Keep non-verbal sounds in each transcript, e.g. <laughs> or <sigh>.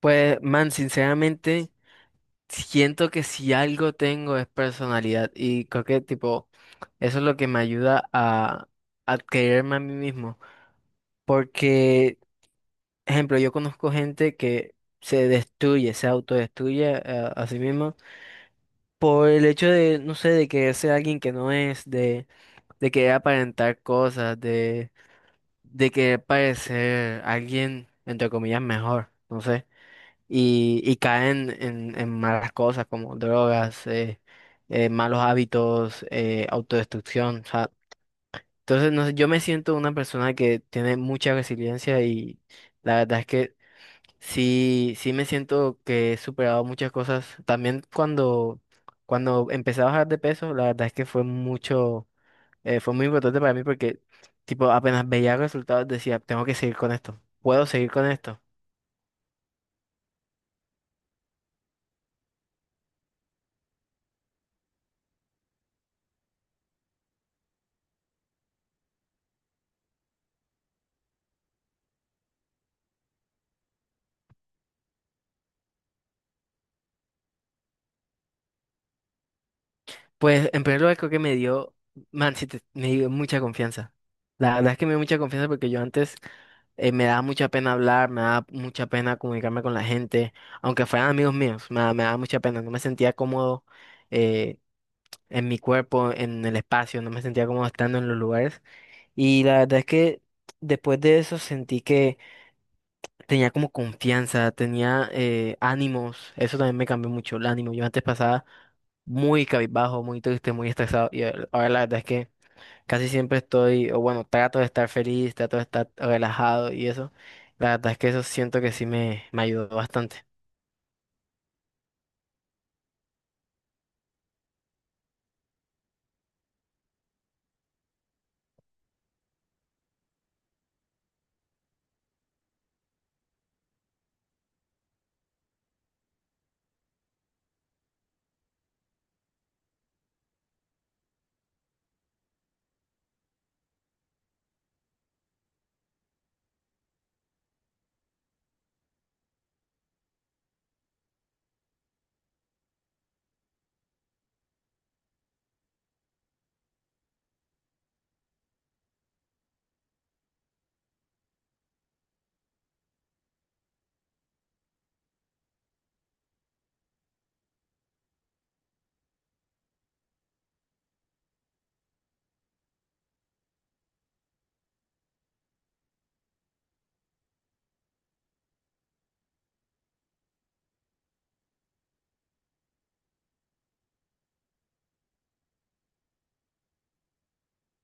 Pues, man, sinceramente, siento que si algo tengo es personalidad y creo que, tipo, eso es lo que me ayuda a quererme a mí mismo. Porque, ejemplo, yo conozco gente que se destruye, se autodestruye a sí misma por el hecho de, no sé, de querer ser alguien que no es, de querer aparentar cosas, de querer parecer alguien, entre comillas, mejor, no sé. Y caen en malas cosas como drogas, malos hábitos, autodestrucción. O sea, entonces, no sé, yo me siento una persona que tiene mucha resiliencia y la verdad es que sí, sí me siento que he superado muchas cosas. También cuando empecé a bajar de peso, la verdad es que fue mucho, fue muy importante para mí porque, tipo, apenas veía resultados decía, tengo que seguir con esto, puedo seguir con esto. Pues en primer lugar creo que me dio, man, sí, me dio mucha confianza. La verdad es que me dio mucha confianza porque yo antes me daba mucha pena hablar, me daba mucha pena comunicarme con la gente, aunque fueran amigos míos, me, me daba mucha pena, no me sentía cómodo eh, en mi cuerpo, en el espacio, no me sentía cómodo estando en los lugares. Y la verdad es que después de eso sentí que tenía como confianza, tenía ánimos, eso también me cambió mucho el ánimo. Yo antes pasaba muy cabizbajo, muy triste, muy estresado y ahora la verdad es que casi siempre estoy, o bueno, trato de estar feliz, trato de estar relajado y eso. La verdad es que eso siento que sí me ayudó bastante.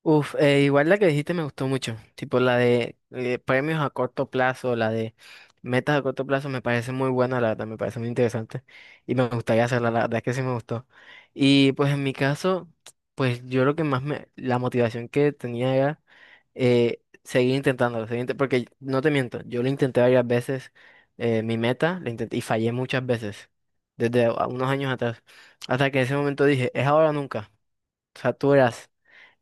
Igual la que dijiste me gustó mucho, tipo la de premios a corto plazo, la de metas a corto plazo me parece muy buena, la verdad, me parece muy interesante y me gustaría hacerla, la verdad es que sí me gustó. Y pues en mi caso, pues yo lo que más me, la motivación que tenía era seguir intentándolo, porque no te miento, yo lo intenté varias veces, mi meta, la intenté y fallé muchas veces, desde unos años atrás, hasta que en ese momento dije, es ahora o nunca saturas.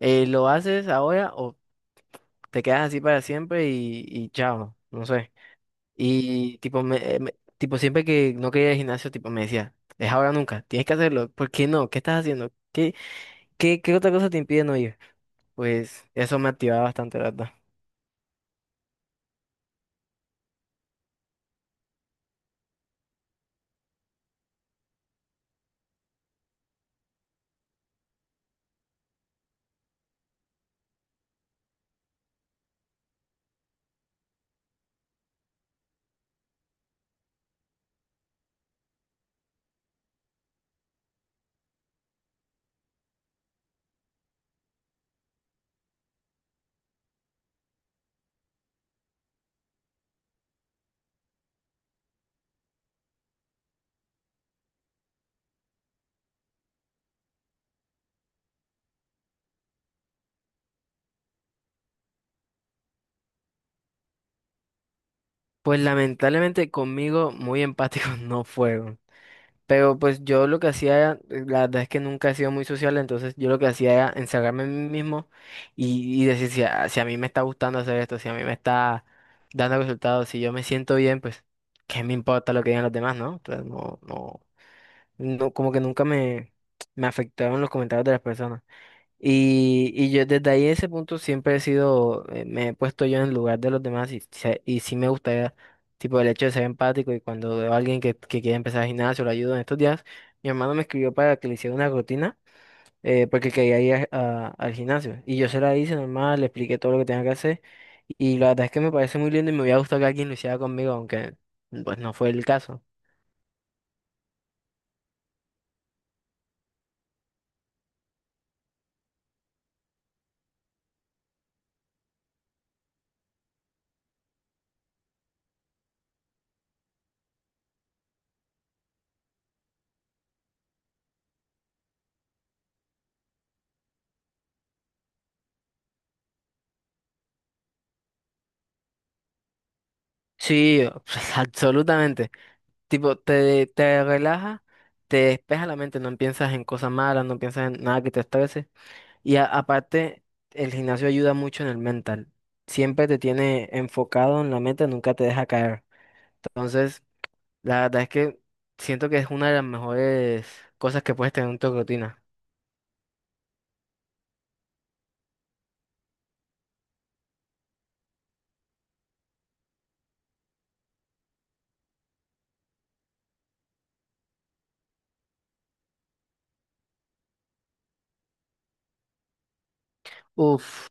¿Lo haces ahora o te quedas así para siempre y chao? No sé. Y tipo, me, tipo, siempre que no quería ir al gimnasio, tipo, me decía, es ahora o nunca, tienes que hacerlo. ¿Por qué no? ¿Qué estás haciendo? ¿Qué, qué, qué otra cosa te impide no ir? Pues eso me activaba bastante, la verdad. Pues lamentablemente conmigo muy empáticos <laughs> no fueron. Pero pues yo lo que hacía, la verdad es que nunca he sido muy social, entonces yo lo que hacía era encerrarme en mí mismo y decir si a, si a mí me está gustando hacer esto, si a mí me está dando resultados, si yo me siento bien, pues qué me importa lo que digan los demás, ¿no? Entonces no, no, no, como que nunca me, me afectaron los comentarios de las personas. Y yo desde ahí ese punto siempre he sido, me he puesto yo en el lugar de los demás y, y sí me gustaría, tipo, el hecho de ser empático y cuando veo a alguien que quiere empezar el gimnasio, lo ayudo en estos días, mi hermano me escribió para que le hiciera una rutina porque quería ir al gimnasio y yo se la hice normal, le expliqué todo lo que tenía que hacer y la verdad es que me parece muy lindo y me hubiera gustado que alguien lo hiciera conmigo, aunque pues no fue el caso. Sí, <laughs> absolutamente. Tipo, te relaja, te despeja la mente, no piensas en cosas malas, no piensas en nada que te estrese. Y aparte, el gimnasio ayuda mucho en el mental. Siempre te tiene enfocado en la meta, nunca te deja caer. Entonces, la verdad es que siento que es una de las mejores cosas que puedes tener en tu rutina. Uf,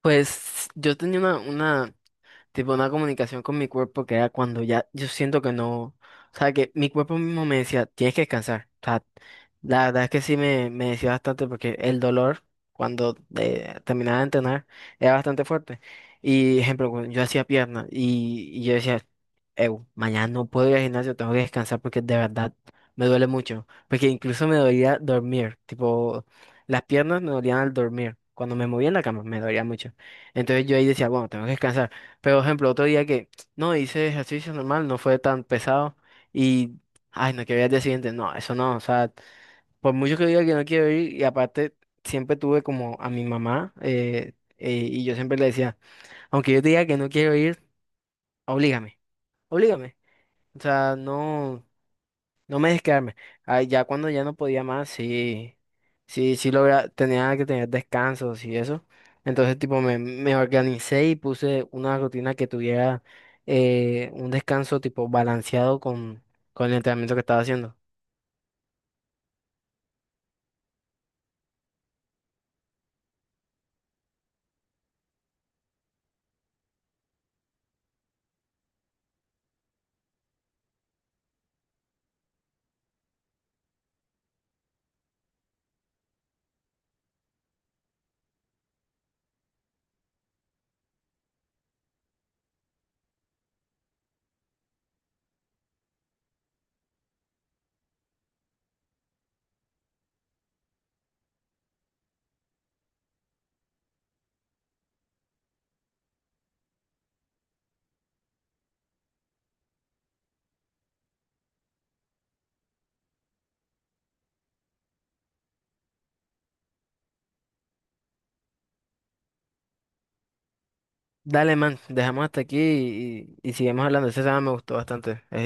pues yo tenía una tipo una comunicación con mi cuerpo que era cuando ya yo siento que no, o sea, que mi cuerpo mismo me decía, tienes que descansar. O sea, la verdad es que sí me decía bastante porque el dolor cuando terminaba de entrenar era bastante fuerte. Y ejemplo, cuando yo hacía piernas y yo decía, "Ew, mañana no puedo ir al gimnasio, tengo que descansar porque de verdad me duele mucho. Porque incluso me dolía dormir, tipo, las piernas me dolían al dormir. Cuando me movía en la cama me dolía mucho. Entonces yo ahí decía, bueno, tengo que descansar. Pero, por ejemplo, otro día que no hice ejercicio normal, no fue tan pesado y, ay, no, que voy al día siguiente, no, eso no, o sea, por mucho que diga que no quiero ir, y aparte siempre tuve como a mi mamá y yo siempre le decía, aunque yo te diga que no quiero ir, oblígame, oblígame, o sea, no. No me dejes quedarme. Ay, ya cuando ya no podía más, sí, sí, tenía que tener descansos y eso. Entonces, tipo, me organicé y puse una rutina que tuviera un descanso tipo balanceado con el entrenamiento que estaba haciendo. Dale, man, dejamos hasta aquí y, y seguimos hablando. Ese tema me gustó bastante.